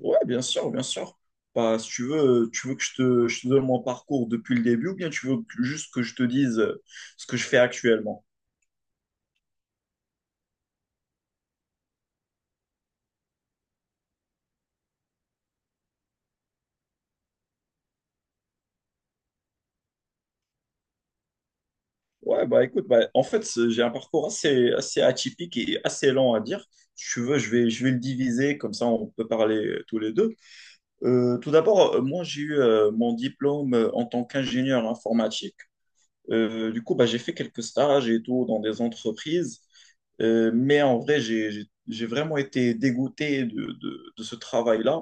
Ouais, bien sûr, bien sûr. Bah, si tu veux, tu veux que je te donne mon parcours depuis le début ou bien juste que je te dise ce que je fais actuellement? Ouais, bah écoute, bah, en fait, j'ai un parcours assez, assez atypique et assez lent à dire. Si tu veux, je vais le diviser, comme ça on peut parler tous les deux. Tout d'abord, moi j'ai eu mon diplôme en tant qu'ingénieur informatique. Du coup, bah, j'ai fait quelques stages et tout dans des entreprises. Mais en vrai, j'ai vraiment été dégoûté de ce travail-là,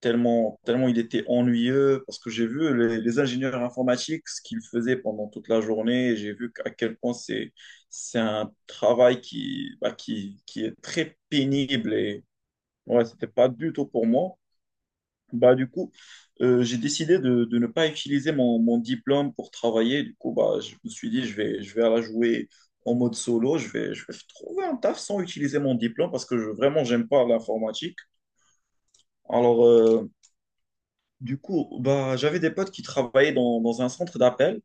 tellement, tellement il était ennuyeux, parce que j'ai vu les ingénieurs informatiques, ce qu'ils faisaient pendant toute la journée, et j'ai vu à quel point c'est un travail qui, bah, qui est très pénible. Et ouais, c'était pas du tout pour moi. Bah, du coup, j'ai décidé de ne pas utiliser mon, mon diplôme pour travailler. Du coup, bah, je me suis dit, je vais la jouer en mode solo. Je vais trouver un taf sans utiliser mon diplôme parce que je, vraiment, j'aime pas l'informatique. Alors, du coup, bah, j'avais des potes qui travaillaient dans, dans un centre d'appel.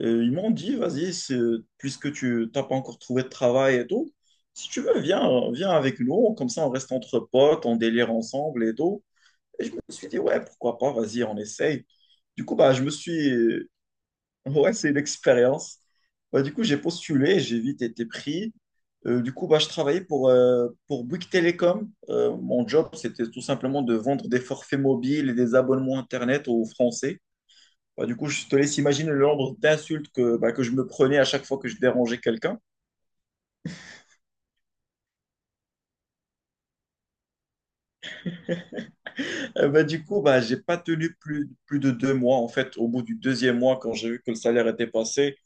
Ils m'ont dit, vas-y, puisque tu n'as pas encore trouvé de travail et tout, si tu veux, viens, viens avec nous. Comme ça, on reste entre potes, on délire ensemble et tout. Et je me suis dit, ouais, pourquoi pas, vas-y, on essaye. Du coup, bah, je me suis... Ouais, c'est une expérience. Bah, du coup, j'ai postulé, j'ai vite été pris. Du coup, bah, je travaillais pour Bouygues Télécom. Mon job, c'était tout simplement de vendre des forfaits mobiles et des abonnements Internet aux Français. Bah, du coup, je te laisse imaginer le nombre d'insultes que, bah, que je me prenais à chaque fois que je dérangeais quelqu'un. Bah, du coup, bah, j'ai pas tenu plus, plus de deux mois. En fait, au bout du deuxième mois, quand j'ai vu que le salaire était passé,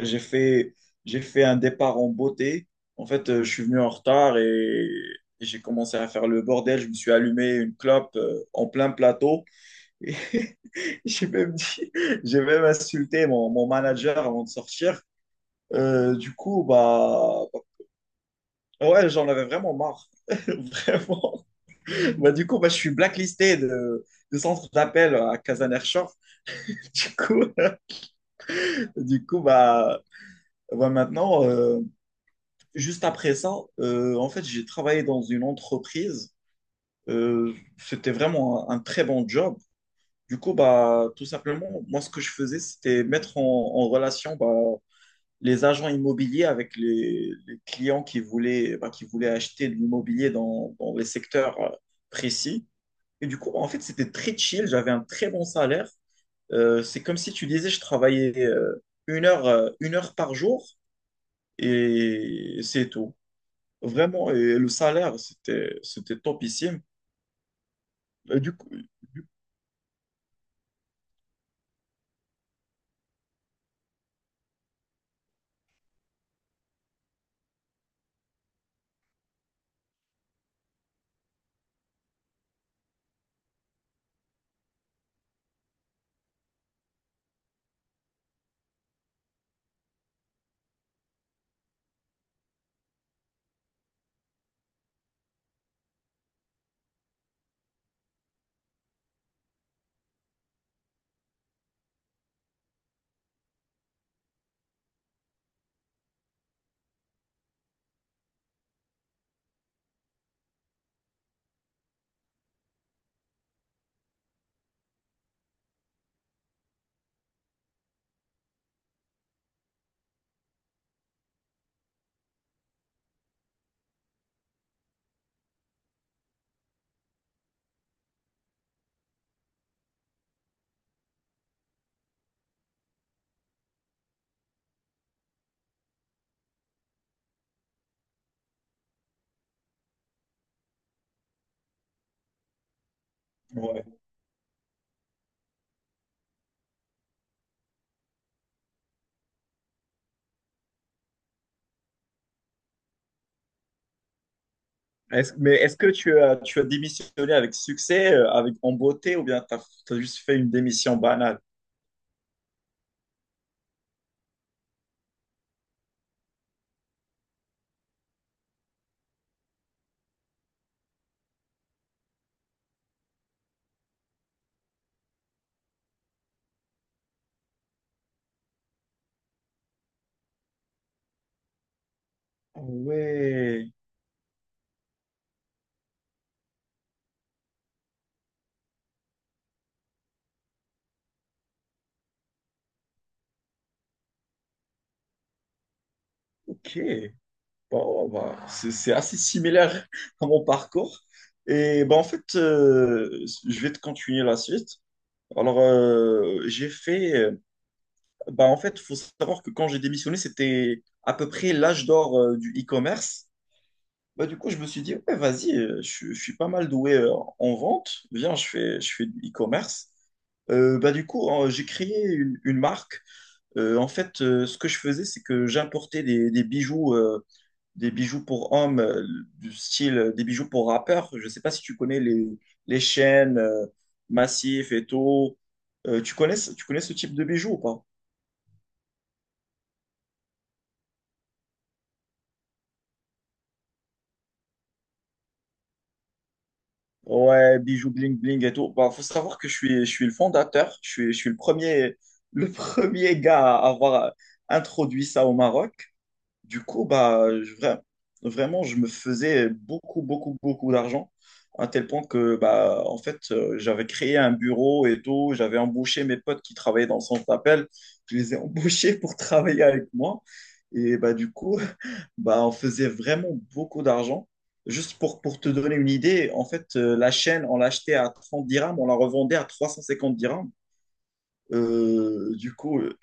j'ai fait, j'ai fait un départ en beauté. En fait, je suis venu en retard et j'ai commencé à faire le bordel. Je me suis allumé une clope en plein plateau. Et j'ai même dit, j'ai même insulté mon, mon manager avant de sortir. Du coup, bah, ouais, j'en avais vraiment marre. Vraiment. Bah, du coup, bah, je suis blacklisté de centre d'appel à Casaner Shore. Du coup, du coup bah, bah, maintenant. Juste après ça, en fait, j'ai travaillé dans une entreprise. C'était vraiment un très bon job. Du coup, bah, tout simplement, moi, ce que je faisais, c'était mettre en, en relation bah, les agents immobiliers avec les clients qui voulaient, bah, qui voulaient acheter de l'immobilier dans, dans les secteurs précis. Et du coup, en fait, c'était très chill. J'avais un très bon salaire. C'est comme si tu disais, je travaillais une heure par jour et c'est tout. Vraiment, et le salaire, c'était, c'était topissime. Et du coup, du- ouais. Mais est-ce que tu as démissionné avec succès, avec en beauté, ou bien tu as juste fait une démission banale? Ah ouais, ok. Bon, bah, c'est assez similaire à mon parcours. Et bah, en fait, je vais te continuer la suite. Alors, j'ai fait. Bah, en fait, il faut savoir que quand j'ai démissionné, c'était à peu près l'âge d'or du e-commerce. Bah, du coup, je me suis dit, ouais, vas-y, je suis pas mal doué en vente. Viens, je fais du e-commerce. Bah, du coup, j'ai créé une marque. En fait, ce que je faisais, c'est que j'importais des bijoux pour hommes, du style des bijoux pour rappeurs. Je sais pas si tu connais les chaînes, Massif et tout. Tu connais, tu connais ce type de bijoux ou pas? Ouais, bijoux bling bling et tout. Bah, faut savoir que je suis le fondateur, je suis le premier, le premier gars à avoir introduit ça au Maroc. Du coup, bah, vraiment, je me faisais beaucoup, beaucoup, beaucoup d'argent, à tel point que, bah, en fait, j'avais créé un bureau et tout, j'avais embauché mes potes qui travaillaient dans le centre d'appel, je les ai embauchés pour travailler avec moi. Et bah, du coup, bah, on faisait vraiment beaucoup d'argent. Juste pour te donner une idée, en fait, la chaîne, on l'achetait à 30 dirhams, on la revendait à 350 dirhams. Euh, du coup, euh,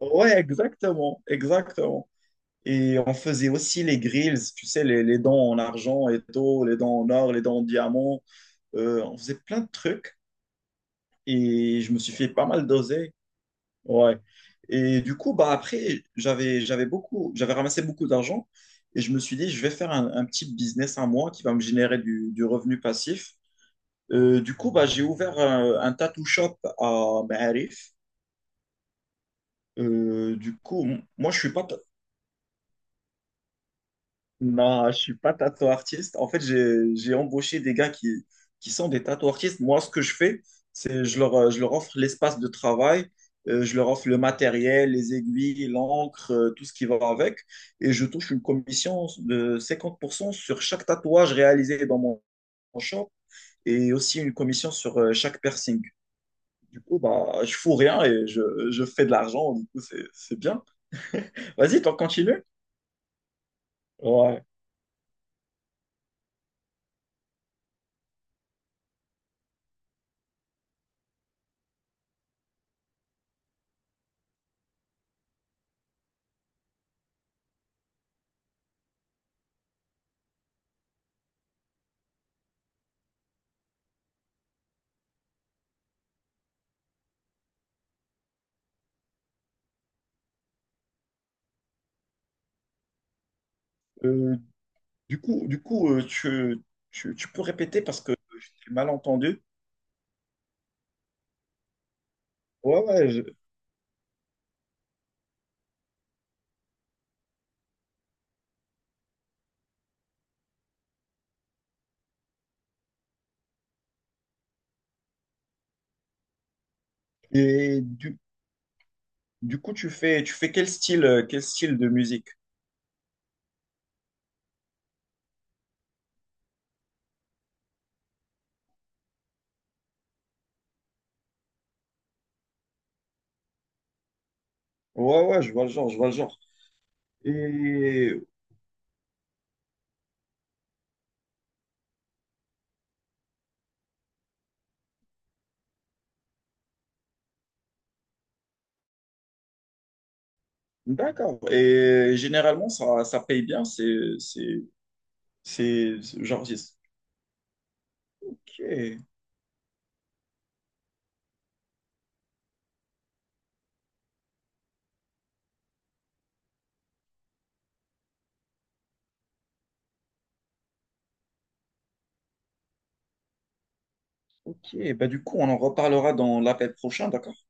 ouais, exactement, exactement. Et on faisait aussi les grills, tu sais, les dents en argent, et tôt, les dents en or, les dents en diamant. On faisait plein de trucs et je me suis fait pas mal doser. Ouais. Et du coup, bah après, j'avais, j'avais beaucoup, j'avais ramassé beaucoup d'argent et je me suis dit, je vais faire un petit business à moi qui va me générer du revenu passif. Du coup, bah, j'ai ouvert un tattoo shop à Maarif. Du coup, moi, je suis pas, non, je suis pas tattoo artiste. En fait, j'ai embauché des gars qui sont des tattoo artistes. Moi, ce que je fais, c'est je leur offre l'espace de travail, je leur offre le matériel, les aiguilles, l'encre, tout ce qui va avec. Et je touche une commission de 50% sur chaque tatouage réalisé dans mon, mon shop et aussi une commission sur chaque piercing. Du coup, bah, je fous rien et je fais de l'argent. Du coup, c'est bien. Vas-y, t'en continues? Ouais. Euh, du coup tu, tu, tu peux répéter parce que j'ai mal entendu. Ouais, ouais. Et du coup, tu fais quel style de musique? Ouais, ouais, je vois le genre, je vois le genre. Et d'accord. Et généralement, ça paye bien. C'est, genre, ok, ok. Bah, du coup, on en reparlera dans l'appel prochain, d'accord?